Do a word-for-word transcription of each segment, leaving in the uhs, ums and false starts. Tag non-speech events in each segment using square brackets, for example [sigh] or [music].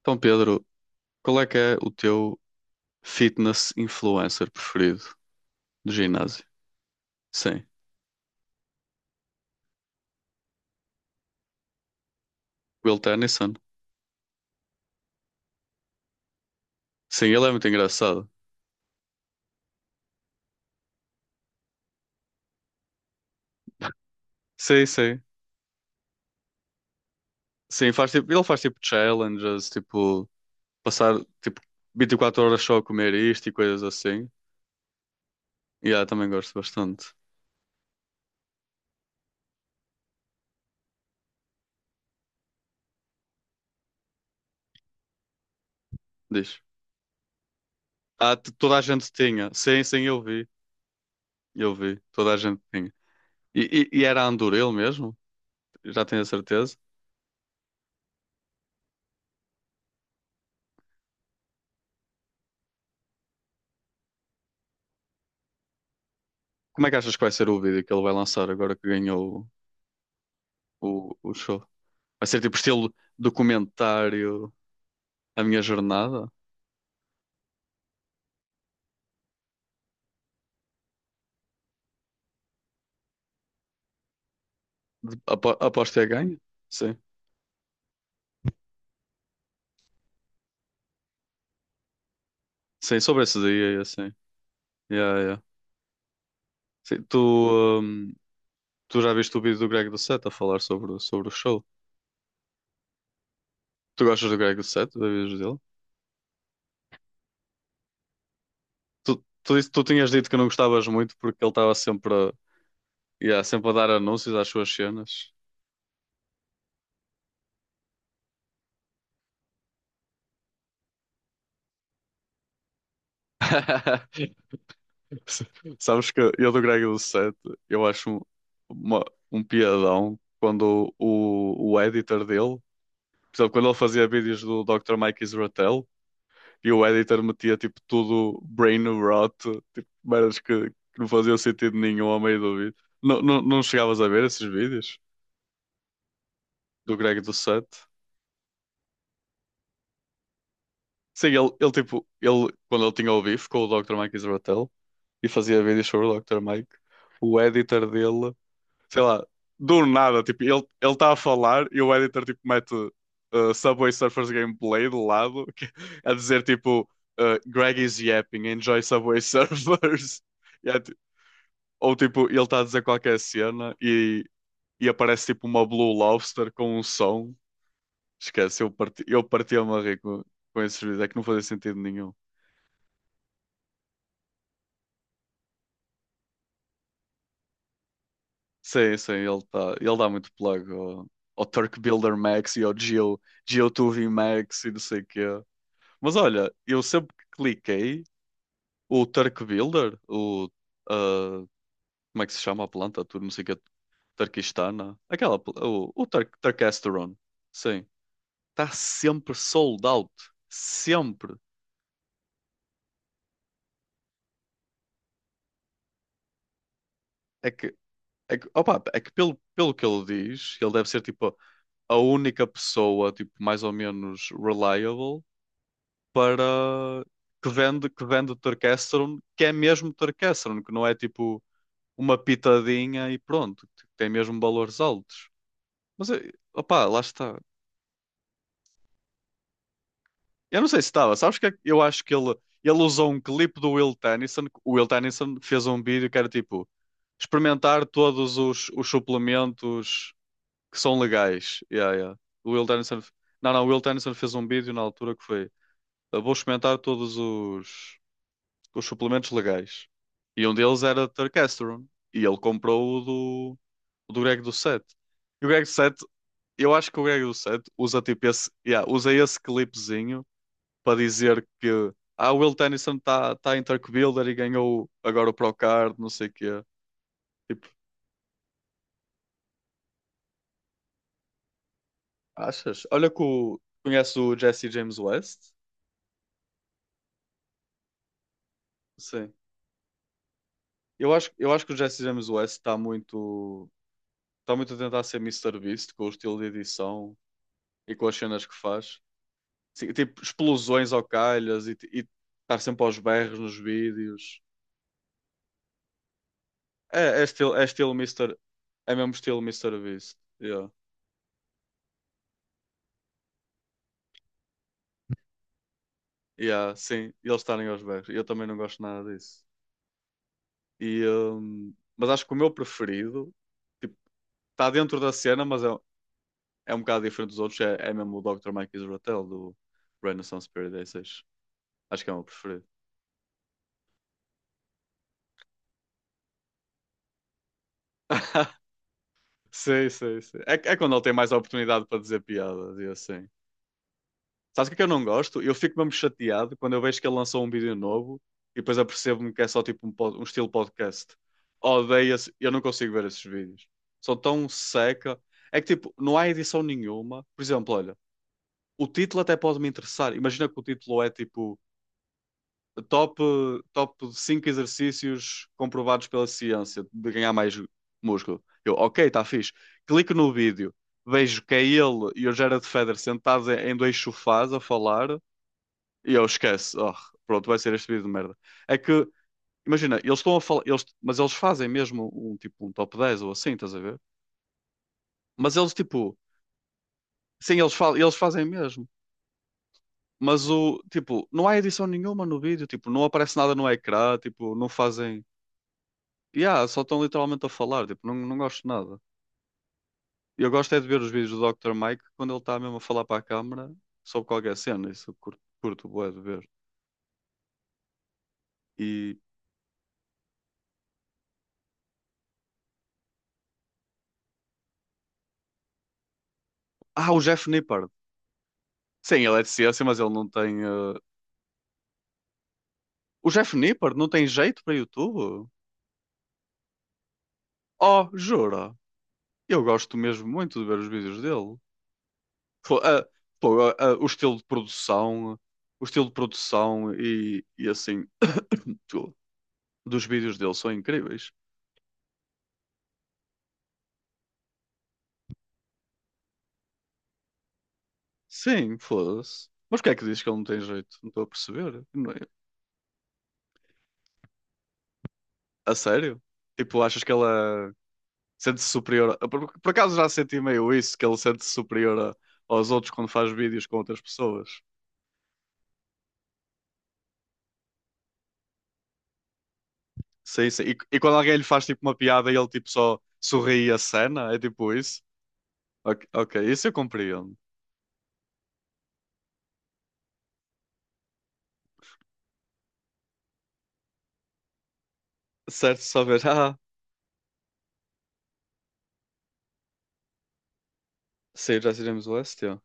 Então, Pedro, qual é que é o teu fitness influencer preferido do ginásio? Sim, Will Tennyson. Sim, ele é muito engraçado. Sim, sim. Sim, faz tipo, ele faz tipo challenges, tipo, passar tipo vinte e quatro horas só a comer isto e coisas assim. E yeah, também gosto bastante. Diz. Ah, t- toda a gente tinha. Sim, sim, eu vi. Eu vi. Toda a gente tinha. E, e, e era Andor ele mesmo? Já tenho a certeza. Como é que achas que vai ser o vídeo que ele vai lançar agora que ganhou o, o, o show? Vai ser tipo estilo documentário a minha jornada. Apo aposto que é ganho. Sim. Sim, sobre esse dia, assim. Yeah, yeah. Sim, tu, hum, tu já viste o vídeo do Greg do Set a falar sobre, o- sobre o show? Tu gostas do Greg do Set, dos vídeos dele? Tu, tu, disse- tu tinhas dito que não gostavas muito porque ele estava sempre, a- Yeah, sempre a dar anúncios às suas cenas. [laughs] Sabes que eu do Greg do Set, eu acho um- uma, um piadão quando o, o o editor dele. Por exemplo, quando ele fazia vídeos do doutor Mike Israel e o editor metia tipo tudo brain rot, tipo, merdas que, que não faziam sentido nenhum ao meio do vídeo. Não, não, não chegavas a ver esses vídeos do Greg do Set? Sim, ele, ele tipo, ele, quando ele tinha o beef com o doutor Mike Israel e fazia vídeos sobre o doutor Mike, o editor dele sei lá, do nada, tipo, ele ele está a falar e o editor tipo mete uh, Subway Surfers gameplay do lado, [laughs] que- a dizer tipo uh, Greg is yapping, enjoy Subway Surfers. [laughs] E é, ti- ou tipo, ele está a dizer qualquer cena e, e aparece tipo uma Blue Lobster com um som. Esquece, eu parti, eu partia-me a rir com, com esse vídeo, é que não fazia sentido nenhum. Sim, sim, ele tá, ele dá muito plug ao, ao Turk Builder Max e ao Geo, Geo2v Max e não sei o quê. Mas olha, eu sempre que cliquei, o Turk Builder, o. ah, Como é que se chama a planta? Tudo música turquistana. Aquela. pl- O, o Turk, Turkasteron. Sim. Está sempre sold out. Sempre. É que. É que, opa, é que pelo, pelo que ele diz, ele deve ser tipo a única pessoa, tipo, mais ou menos reliable para que vende, que vende Turkasteron, que é mesmo Turkasteron, que não é tipo uma pitadinha e pronto, tipo, tem mesmo valores altos. Mas, eh, opá, lá está. Eu não sei se estava, sabes que é que eu acho que ele, ele usou um clipe do Will Tennyson, que o Will Tennyson fez um vídeo que era tipo, experimentar todos os, os suplementos que são legais. Yeah, yeah. O Will Tennyson, não, não, o Will Tennyson fez um vídeo na altura que foi, "Eu vou experimentar todos os, os suplementos legais. E um deles era Tercasterone. E ele comprou o do, o do Greg do Set. E o Greg do Set eu acho que o Greg Lucete usa tipo esse, yeah, usa esse clipezinho para dizer que ah, o Will Tennyson está tá tá em Turk Builder e ganhou agora o Procard, não sei o quê. Tipo, achas? Olha que o, conhece o Jesse James West? Sim. Eu acho, eu acho que o Jesse James West está muito, está muito a tentar ser mister Beast com o estilo de edição e com as cenas que faz. Sim, tipo, explosões ao calhas e, e estar sempre aos berros nos vídeos. É, é estilo, é estilo Mister É mesmo estilo Mister Beast. Yeah. Yeah, sim, e eles estarem aos berros. Eu também não gosto nada disso. E, hum, mas acho que o meu preferido, tipo, está dentro da cena, mas é, é um bocado diferente dos outros. É, é mesmo o doutor Mike Israel do Renaissance Paradise. Acho que é o meu preferido. [laughs] Sim, sim, sim. É, é quando ele tem mais oportunidade para dizer piadas e assim. Sabes o que é que eu não gosto? Eu fico mesmo chateado quando eu vejo que ele lançou um vídeo novo e depois apercebo-me que é só tipo um, pod- um estilo podcast. Odeio esse, eu não consigo ver esses vídeos. São tão seca. É que tipo, não há edição nenhuma. Por exemplo, olha, o título até pode me interessar. Imagina que o título é tipo top, top cinco exercícios comprovados pela ciência de ganhar mais músculo. Eu, ok, está fixe. Clico no vídeo, vejo que é ele e o Gerard Federer sentados em em dois sofás a falar. E eu esquece. Oh, pronto, vai ser este vídeo de merda. É que, imagina, eles estão a falar, eles, mas eles fazem mesmo um tipo um top dez ou assim, estás a ver? Mas eles tipo, sim, eles, fa eles fazem mesmo. Mas o tipo, não há edição nenhuma no vídeo, tipo, não aparece nada no ecrã, tipo, não fazem. Yeah, só estão literalmente a falar, tipo, não, não gosto de nada. Eu gosto é de ver os vídeos do doutor Mike quando ele está mesmo a falar para a câmara sobre qualquer cena, isso eu curto, curto bué de ver. E ah, o Jeff Nippard. Sim, ele é de ciência, mas ele não tem eh, O Jeff Nippard não tem jeito para YouTube? Oh, jura? Eu gosto mesmo muito de ver os vídeos dele. Fo- ah, pô, ah, ah, o estilo de produção, o estilo de produção e, e assim, tudo dos vídeos dele são incríveis. Sim, foda-se. Mas porquê é que dizes que ele não tem jeito? Não estou a perceber. Não é- A sério? Tipo, achas que ela sente-se superior? a- Por, por acaso já senti meio isso, que ele sente-se superior a- aos outros quando faz vídeos com outras pessoas. Sim, sim. E, e quando alguém lhe faz tipo uma piada e ele tipo só sorri e acena, é tipo isso? Ok, ok, isso eu compreendo. Certo, só ver, [laughs] ah, sim, já iremos o leste, ó."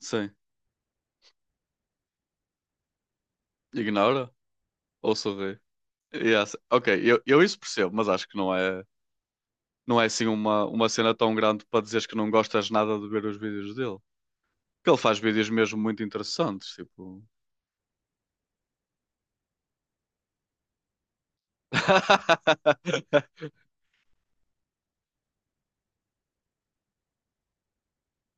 Sim. Ignora ou sorri? Yes. Ok, eu, eu isso percebo, mas acho que não é, não é assim uma, uma cena tão grande para dizeres que não gostas nada de ver os vídeos dele. Porque ele faz vídeos mesmo muito interessantes, tipo. [laughs]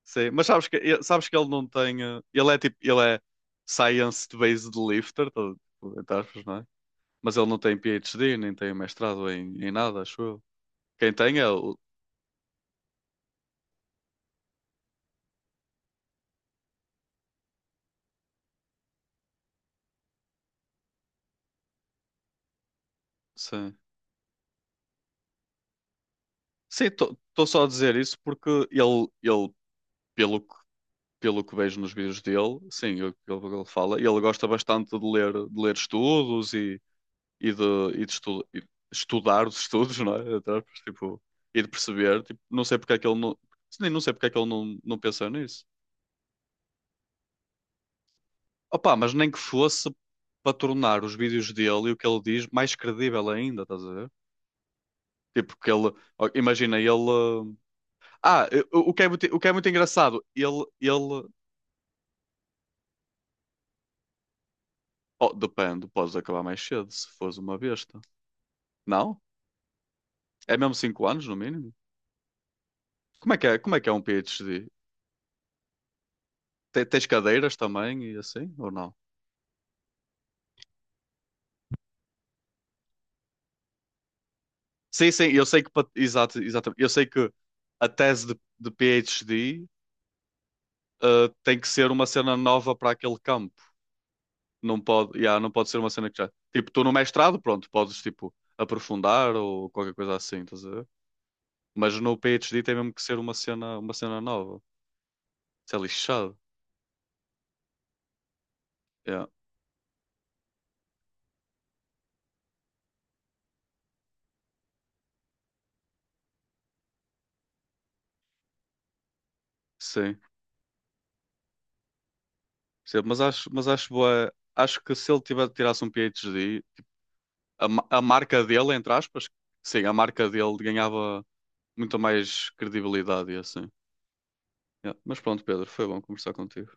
Sim, mas sabes que, e- sabes que ele não tem. eh, Ele é tipo. Ele é science-based lifter, tá- tipo, entre aspas, não é? Mas ele não tem PhD, nem tem mestrado em, em nada, acho eu. Quem tem é o. Sim. Sim, estou só a dizer isso porque ele, ele pelo, que- pelo que vejo nos vídeos dele, sim, o que ele ele fala, ele gosta bastante de ler, de ler estudos e, e de, e de estu- e estudar os [laughs] estudos, não é? Entre aspas, tipo, e de perceber. Tipo, não sei porque é que ele não. Sim, não sei porque é que ele não, não pensou nisso. Opa, mas nem que fosse para tornar os vídeos dele e o que ele diz mais credível ainda, estás a ver? Tipo, que ele, ó, imagina, ele. Ah, o, o que é muito, o que é muito, engraçado, ele, ele. Oh, depende, podes acabar mais cedo se fores uma besta. Não? É mesmo cinco anos no mínimo? Como é que é, como é que é um PhD? Te- Tens cadeiras também e assim, ou não? Sim, sim, eu sei que. pa- Exato, exatamente. Eu sei que a tese de, de PhD, eh, tem que ser uma cena nova para aquele campo. Não pode, yeah, não pode ser uma cena que já. Tipo, tu no mestrado, pronto, podes tipo aprofundar ou qualquer coisa assim, estás a ver? Mas no PhD tem mesmo que ser uma cena, uma cena nova. Isso é lixado. Yeah, sim. Sim, mas acho, mas acho boa. Acho que se ele tiver, tirasse um PhD, a, ma- a marca dele, entre aspas, sim, a marca dele ganhava muito mais credibilidade e assim. Yeah, Mas pronto, Pedro, foi bom conversar contigo.